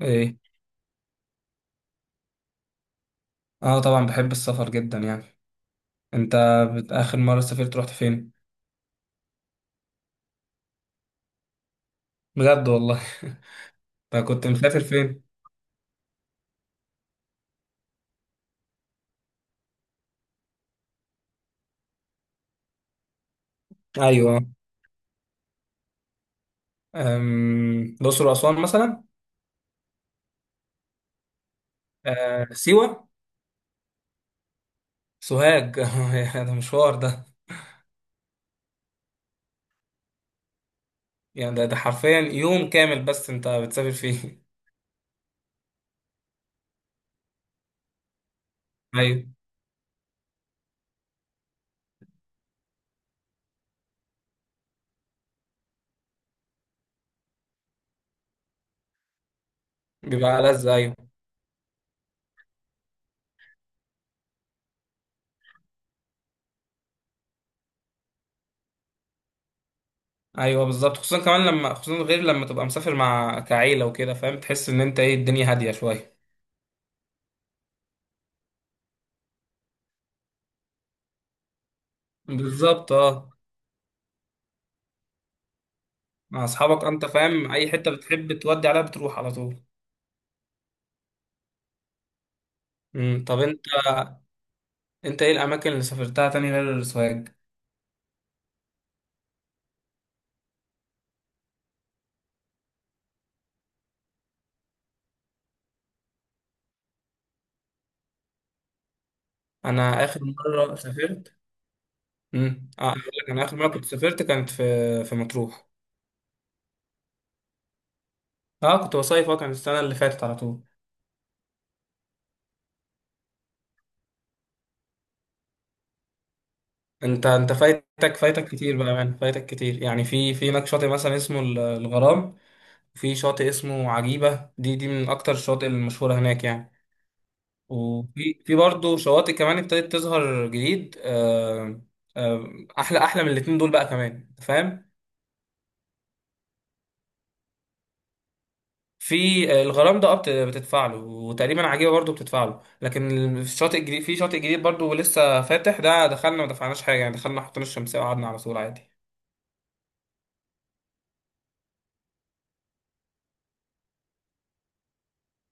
ايه. اه، طبعا بحب السفر جدا، يعني. انت، اخر مرة سافرت رحت فين؟ بجد والله؟ أنت كنت مسافر فين؟ ايوه، الاقصر واسوان مثلا. سيوة. سوهاج. ده مشوار ده. يعني ده حرفيا يوم كامل بس انت بتسافر فيه. ايوه. بيبقى ألذ، ايوه. ايوه بالظبط، خصوصا كمان لما، خصوصا غير لما تبقى مسافر مع كعيلة وكده فاهم، تحس ان انت ايه الدنيا هادية شوية. بالظبط، اه. مع اصحابك انت فاهم، اي حته بتحب تودي عليها بتروح على طول. طب انت ايه الاماكن اللي سافرتها تاني غير السوهاج؟ انا اخر مره سافرت. اه، اقول لك، انا اخر مره كنت سافرت كانت في مطروح. اه كنت بصيف، اه كانت السنه اللي فاتت على طول. انت فايتك فايتك كتير بقى، يعني فايتك كتير، يعني في هناك شاطئ مثلا اسمه الغرام. في شاطئ اسمه عجيبه، دي من اكتر الشواطئ المشهوره هناك يعني. وفي برضه شواطئ كمان ابتدت تظهر جديد، آه احلى احلى من الاتنين دول بقى كمان، فاهم. في الغرام ده أبت بتدفع له وتقريبا عجيبه برضو بتدفع له. لكن في الشاطئ الجديد، في شاطئ جديد برضو لسه فاتح، ده دخلنا ما دفعناش حاجه، يعني دخلنا حطينا الشمسيه وقعدنا على طول عادي.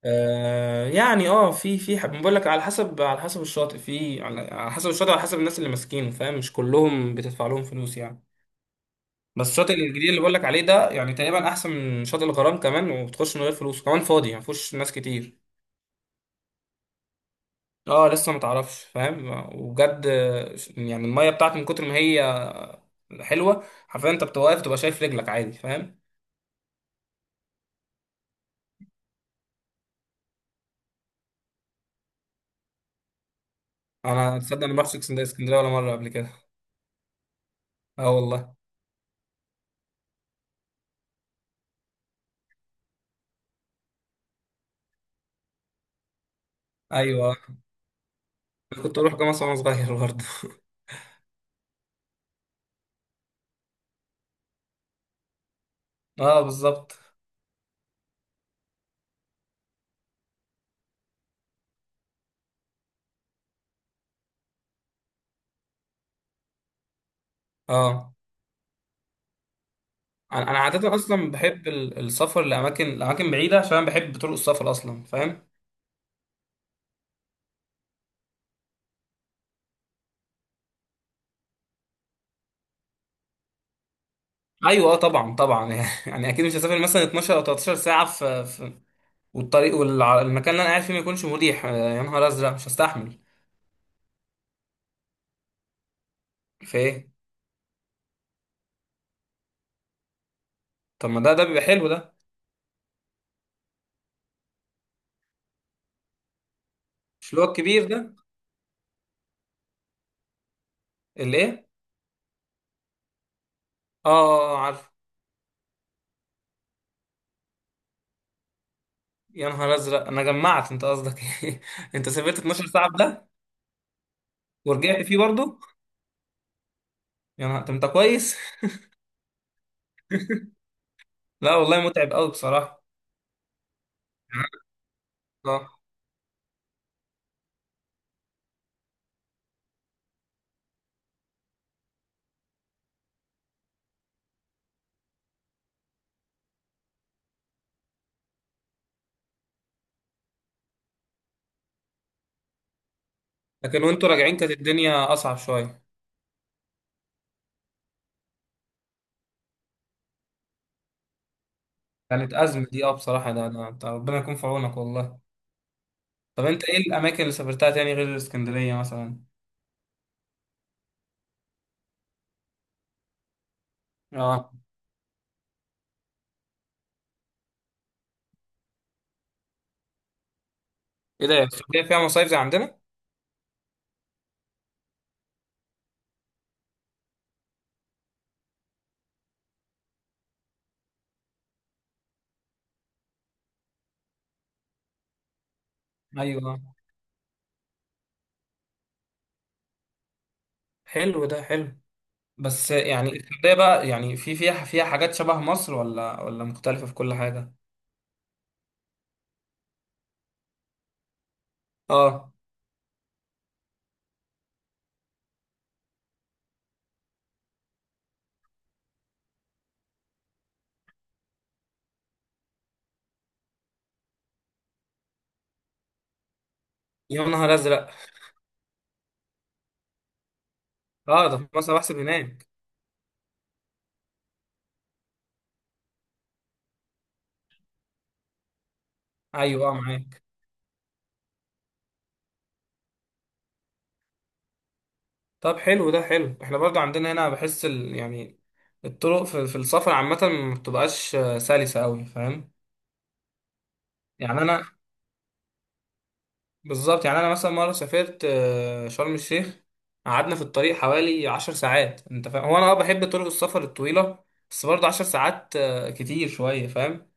يعني، اه، في حب بقول لك، على حسب على حسب الشاطئ، في على حسب الشاطئ، على حسب الناس اللي ماسكينه، فاهم، مش كلهم بتدفع لهم فلوس يعني. بس الشاطئ الجديد اللي بقول لك عليه ده، يعني تقريبا احسن من شاطئ الغرام كمان، وبتخش من غير فلوس كمان، فاضي يعني مفيهوش ناس كتير. اه، لسه ما تعرفش فاهم. وبجد. يعني الميه بتاعت من كتر ما هي حلوه، حرفيا انت بتبقى واقف تبقى شايف رجلك عادي، فاهم. انا تصدق، انا ما رحتش اسكندريه ولا مره قبل كده. اه والله. ايوه، كنت اروح جامعه وانا صغير برضه. اه، بالظبط. اه، أنا عاده اصلا بحب السفر لاماكن بعيده، عشان أنا بحب طرق السفر اصلا، فاهم. ايوه اه، طبعا طبعا. يعني اكيد مش هسافر مثلا 12 او 13 ساعه في والطريق والمكان اللي انا قاعد فيه ما يكونش مريح، يا نهار ازرق مش هستحمل. في ايه؟ طب ما ده بيبقى حلو ده. مش اللي هو الكبير ده؟ اللي ايه؟ اه، عارف. يا نهار ازرق، انا جمعت انت قصدك ايه! انت سافرت 12 ساعه في ده؟ ورجعت فيه برضه؟ يا نهار! طب انت كويس؟ لا والله، متعب قوي بصراحه. اه. لكن وانتوا راجعين كانت الدنيا اصعب شويه. كانت ازمه دي، اه بصراحه. ده أنت ربنا يكون في عونك والله. طب انت ايه الاماكن اللي سافرتها تاني غير اسكندريه مثلا؟ اه. ايه ده، السعوديه فيها مصايف زي عندنا؟ ايوه، حلو، ده حلو. بس يعني السعودية بقى، يعني في فيها حاجات شبه مصر، ولا مختلفة في كل حاجة؟ اه. يا نهار أزرق! اه، ده في مصر بحسب هناك؟ أيوه اه، معاك. طب حلو، ده حلو. احنا برضو عندنا هنا بحس يعني الطرق في السفر عامة ما بتبقاش سلسة أوي، فاهم؟ يعني أنا بالظبط، يعني أنا مثلا مرة سافرت شرم الشيخ. قعدنا في الطريق حوالي 10 ساعات، أنت فاهم؟ هو أنا اه بحب طرق السفر الطويلة. بس برضه 10 ساعات كتير شوية، فاهم؟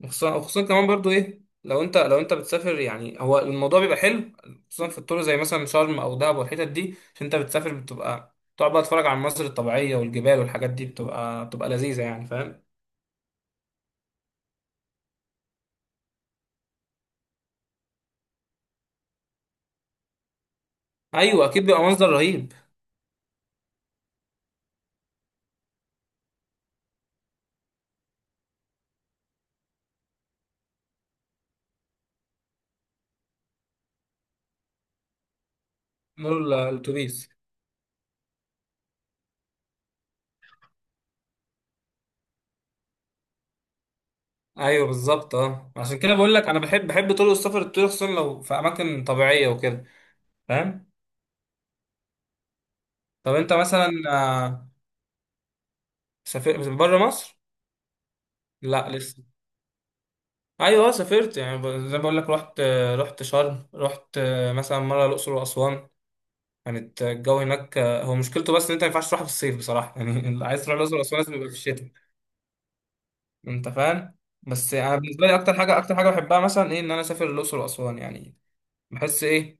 وخصوصا كمان برضو ايه، لو انت بتسافر، يعني هو الموضوع بيبقى حلو. خصوصا في الطرق زي مثلا شرم او دهب والحتت دي، عشان انت بتسافر بتبقى تقعد بقى تتفرج على المناظر الطبيعيه والجبال، والحاجات دي بتبقى لذيذه يعني، فاهم. ايوه اكيد، بيبقى منظر رهيب. نور الاتوبيس. ايوه بالظبط، اه عشان كده بقول لك انا بحب طرق السفر، الطرق خصوصا لو في اماكن طبيعيه وكده، فاهم. طب انت مثلا سافرت بره مصر؟ لا لسه. ايوه سافرت، يعني زي ما بقول لك رحت، رحت شرم، رحت مثلا مره الاقصر واسوان. كانت الجو هناك، هو مشكلته بس ان انت ما ينفعش تروح في الصيف بصراحه يعني. اللي عايز تروح الاقصر واسوان لازم يبقى في الشتاء. انت فاهم. بس انا بالنسبه لي اكتر حاجه بحبها مثلا ايه، ان انا اسافر الاقصر واسوان يعني. بحس ايه،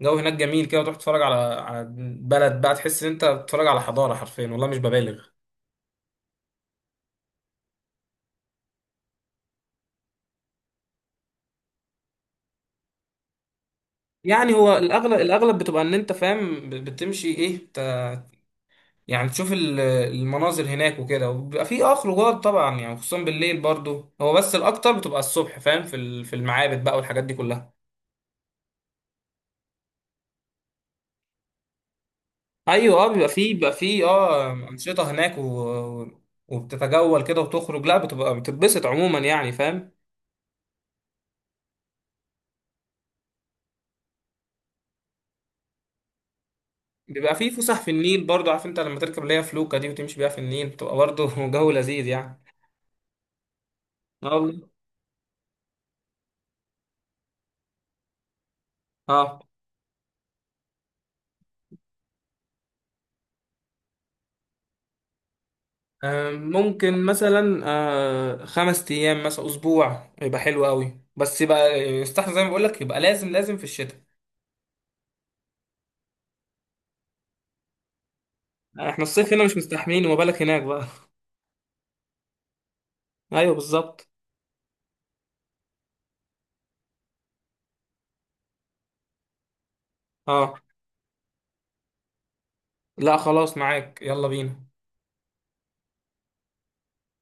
الجو هناك جميل كده، وتروح تتفرج على بلد بقى، تحس ان انت بتتفرج على حضاره حرفيا، والله مش ببالغ. يعني هو الاغلب الاغلب بتبقى ان انت فاهم، بتمشي ايه، يعني تشوف المناظر هناك وكده، وبيبقى في اه خروجات طبعا يعني، خصوصا بالليل برضو، هو بس الاكتر بتبقى الصبح، فاهم، في المعابد بقى والحاجات دي كلها. ايوه اه، بيبقى في اه انشطه هناك و- وبتتجول كده وتخرج، لا بتبقى بتتبسط عموما يعني فاهم. بيبقى في فسح في النيل برضو، عارف، انت لما تركب اللي هي فلوكه دي وتمشي بيها في النيل بتبقى برضو جو لذيذ يعني. اه والله. اه، ممكن مثلا 5 ايام، مثلا اسبوع يبقى حلو قوي، بس يبقى يستحسن زي ما بقول لك، يبقى لازم لازم في الشتاء. احنا الصيف هنا مش مستحملين، وما بالك هناك بقى. ايوه بالظبط. اه، لا خلاص معاك، يلا بينا.